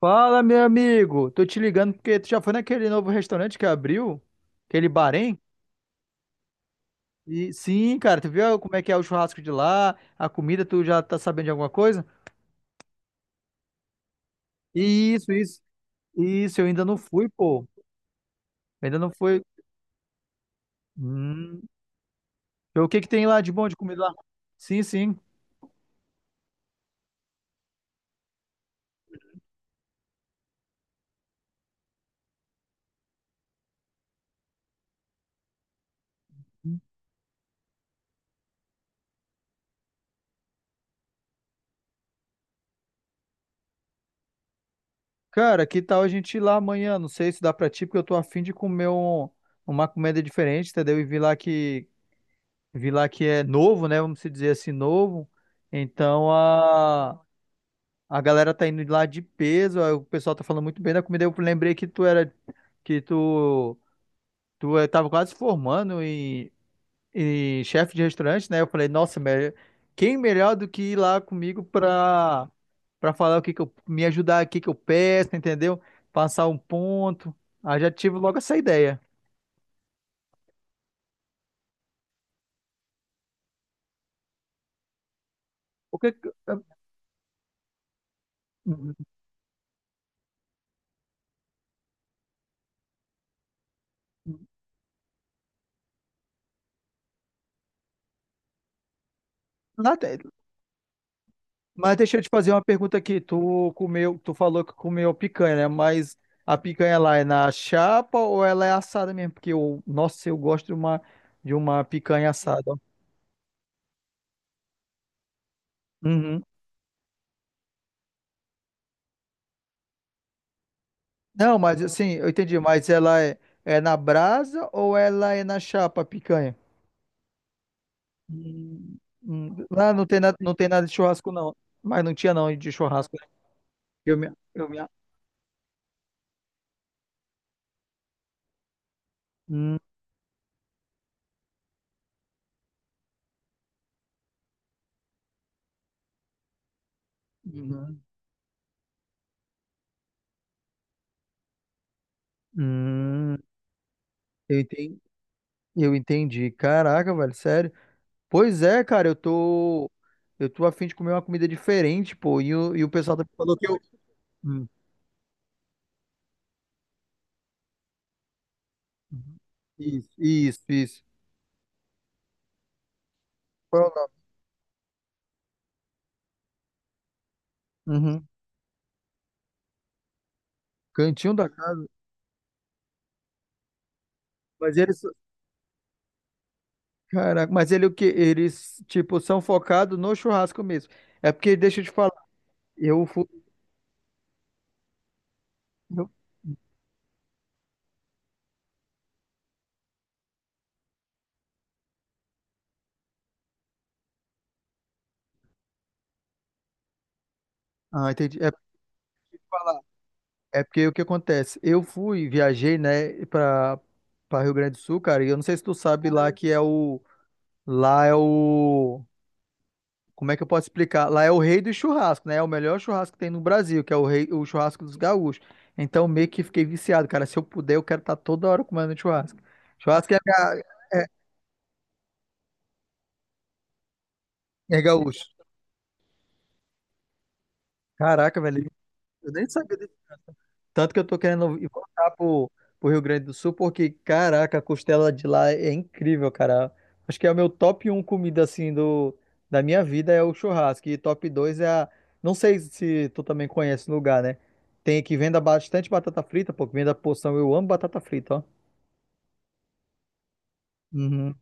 Fala, meu amigo. Tô te ligando porque tu já foi naquele novo restaurante que abriu, aquele Bahrein? E sim, cara, tu viu como é que é o churrasco de lá, a comida, tu já tá sabendo de alguma coisa? Isso, isso. Isso, eu ainda não fui, pô. Eu ainda não fui. Hum. Então, o que que tem lá de bom de comida lá? Sim, sim. Cara, que tal a gente ir lá amanhã? Não sei se dá pra ti, porque eu tô afim de comer uma comida diferente, entendeu? E vi lá que é novo, né? Vamos se dizer assim, novo. Então, a galera tá indo lá de peso, aí o pessoal tá falando muito bem da comida. Eu lembrei que tu era, que tu, tu eh, tava quase formando em chefe de restaurante, né? Eu falei, nossa, quem melhor do que ir lá comigo pra, pra falar o que que eu, me ajudar, o que que eu peço, entendeu? Passar um ponto. Aí já tive logo essa ideia. O que, que- Uhum. Nada, mas deixa eu te fazer uma pergunta aqui. Tu comeu, tu falou que comeu picanha, né? Mas a picanha lá é na chapa ou ela é assada mesmo? Porque eu, nossa, eu gosto de uma picanha assada, ó. Uhum. Não, mas assim, eu entendi, mas é na brasa ou ela é na chapa a picanha? Hum, Lá não tem nada, não tem nada de churrasco não. Mas não tinha não de churrasco, né? Eu me, eu me... Hum, uhum. Hum, eu entendi, eu entendi. Caraca, velho, sério. Pois é, cara, eu tô. Eu tô a fim de comer uma comida diferente, pô. E e o pessoal também falou que eu. Hum, Isso, isso, isso. Qual é o nome? Uhum. Cantinho da casa. Mas eles. Caraca, mas ele o quê? Eles, tipo, são focados no churrasco mesmo. É porque, deixa eu te falar, eu fui. eu- Ah, entendi. É pra falar. É porque o que acontece? Eu fui, viajei, né, pra Rio Grande do Sul, cara, e eu não sei se tu sabe lá que é o. Lá é o. Como é que eu posso explicar? Lá é o rei do churrasco, né? É o melhor churrasco que tem no Brasil, que é o rei, o churrasco dos gaúchos. Então, meio que fiquei viciado, cara. Se eu puder, eu quero estar toda hora comendo churrasco. Churrasco é, ga- é gaúcho. Caraca, velho. Eu nem sabia. Tanto que eu tô querendo ir voltar pro Rio Grande do Sul, porque, caraca, a costela de lá é incrível, cara. Acho que é o meu top um comida, assim, da minha vida é o churrasco. E top 2 é a... Não sei se tu também conhece o lugar, né? Tem que venda bastante batata frita, pô, que venda porção. Eu amo batata frita, ó. Uhum.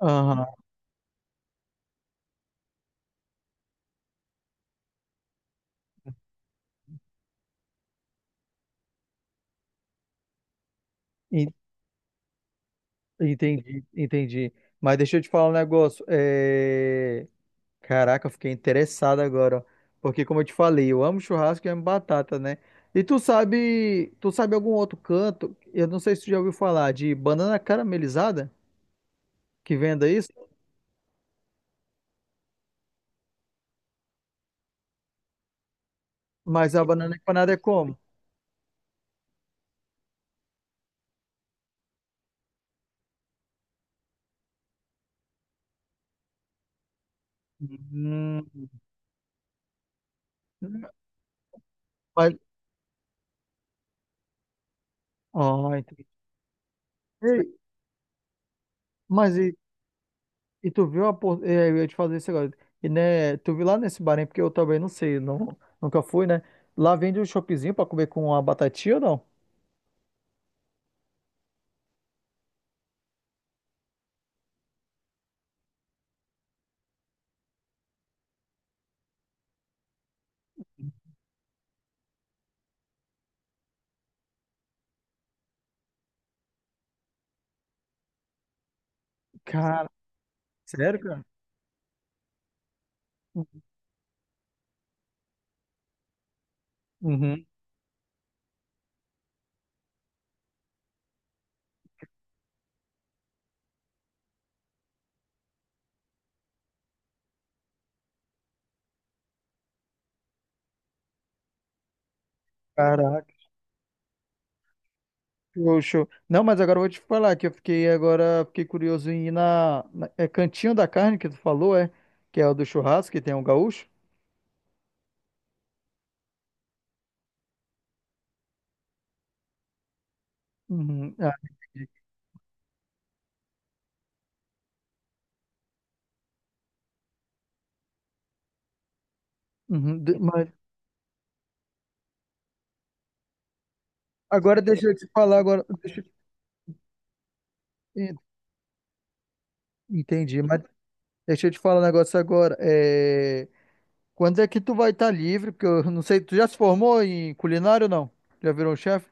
Aham, en- entendi, entendi. Mas deixa eu te falar um negócio. É... Caraca, eu fiquei interessado agora, ó. Porque como eu te falei, eu amo churrasco e amo batata, né? E tu sabe algum outro canto? Eu não sei se tu já ouviu falar de banana caramelizada que venda isso, mas a banana empanada é como? Hum, mas, ó, entendi. Ei, mas e, e tu viu eu ia te fazer isso agora. E né, tu viu lá nesse bar, hein? Porque eu também não sei, não, nunca fui, né? Lá vende um chopezinho pra comer com uma batatinha ou não? Cara, sério, cara? Uhum. Caraca. Show, show. Não, mas agora eu vou te falar que fiquei curioso em ir é Cantinho da Carne que tu falou, é? Que é o do churrasco, que tem o gaúcho. Uhum. Ah, entendi. Uhum. Mas agora deixa eu te falar agora, deixa eu te- en- entendi, mas deixa eu te falar um negócio agora. É, quando é que tu vai estar livre? Porque eu não sei, tu já se formou em culinário ou não? Já virou um chefe?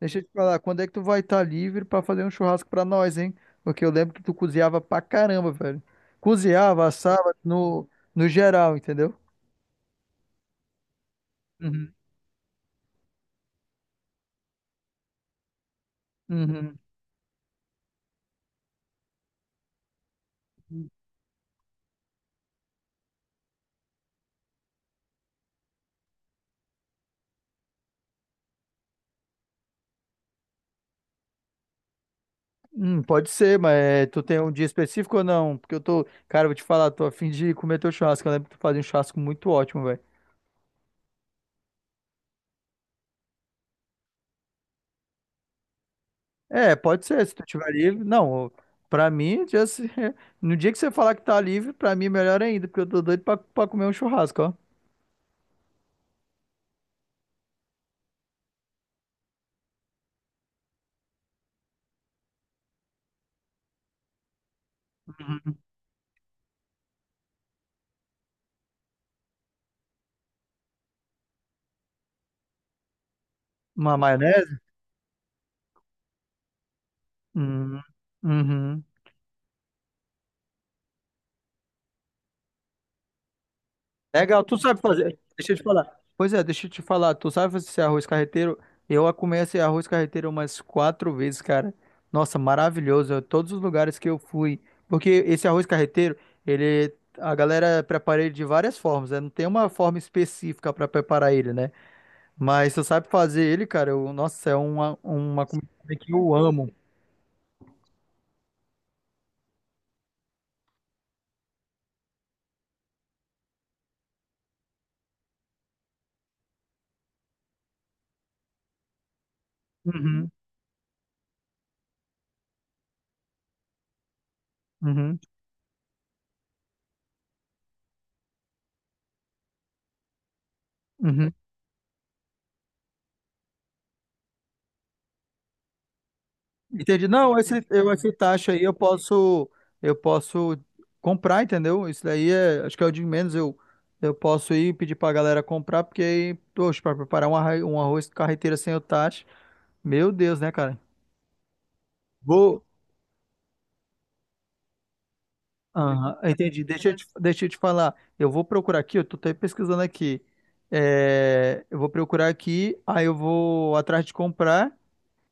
Deixa eu te falar, quando é que tu vai estar livre pra fazer um churrasco pra nós, hein? Porque eu lembro que tu cozinhava pra caramba, velho. Cozinhava, assava no geral, entendeu? Uhum. Uhum. Pode ser, mas é, tu tem um dia específico ou não? Porque eu tô, cara, eu vou te falar, tô a fim de comer teu churrasco. Eu lembro que tu fazia um churrasco muito ótimo, velho. É, pode ser, se tu tiver livre. Não, pra mim, já se- no dia que você falar que tá livre, pra mim é melhor ainda, porque eu tô doido pra comer um churrasco, ó. Uma maionese? Uhum. Uhum. Legal, tu sabe fazer. Deixa eu te falar. Pois é, deixa eu te falar. Tu sabe fazer esse arroz carreteiro? Eu a comi esse arroz carreteiro umas quatro vezes, cara. Nossa, maravilhoso. Todos os lugares que eu fui. Porque esse arroz carreteiro, ele. A galera prepara ele de várias formas, né? Não tem uma forma específica para preparar ele, né? Mas tu sabe fazer ele, cara, nossa, é uma comida que eu amo. Uhum, uhum, uhum. Entendi. Não, esse taxa aí eu posso comprar, entendeu? Isso daí é, acho que é o de menos. Eu posso ir pedir pra galera comprar, porque aí, poxa, pra preparar um arroz carreteira sem o taxa, meu Deus, né, cara? Vou. Aham, entendi. Deixa eu te falar. Eu vou procurar aqui, eu tô até pesquisando aqui. É, eu vou procurar aqui, aí eu vou atrás de comprar.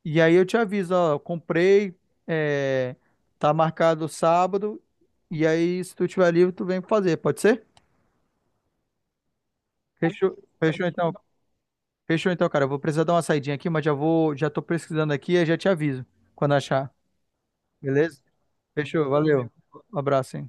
E aí eu te aviso, ó, eu comprei, é, tá marcado sábado, e aí se tu tiver livre, tu vem fazer, pode ser? Fechou, fechou então, fechou então, cara. Eu vou precisar dar uma saidinha aqui, mas já vou, já tô pesquisando aqui e já te aviso quando achar, beleza? Fechou, valeu. Um abraço, hein?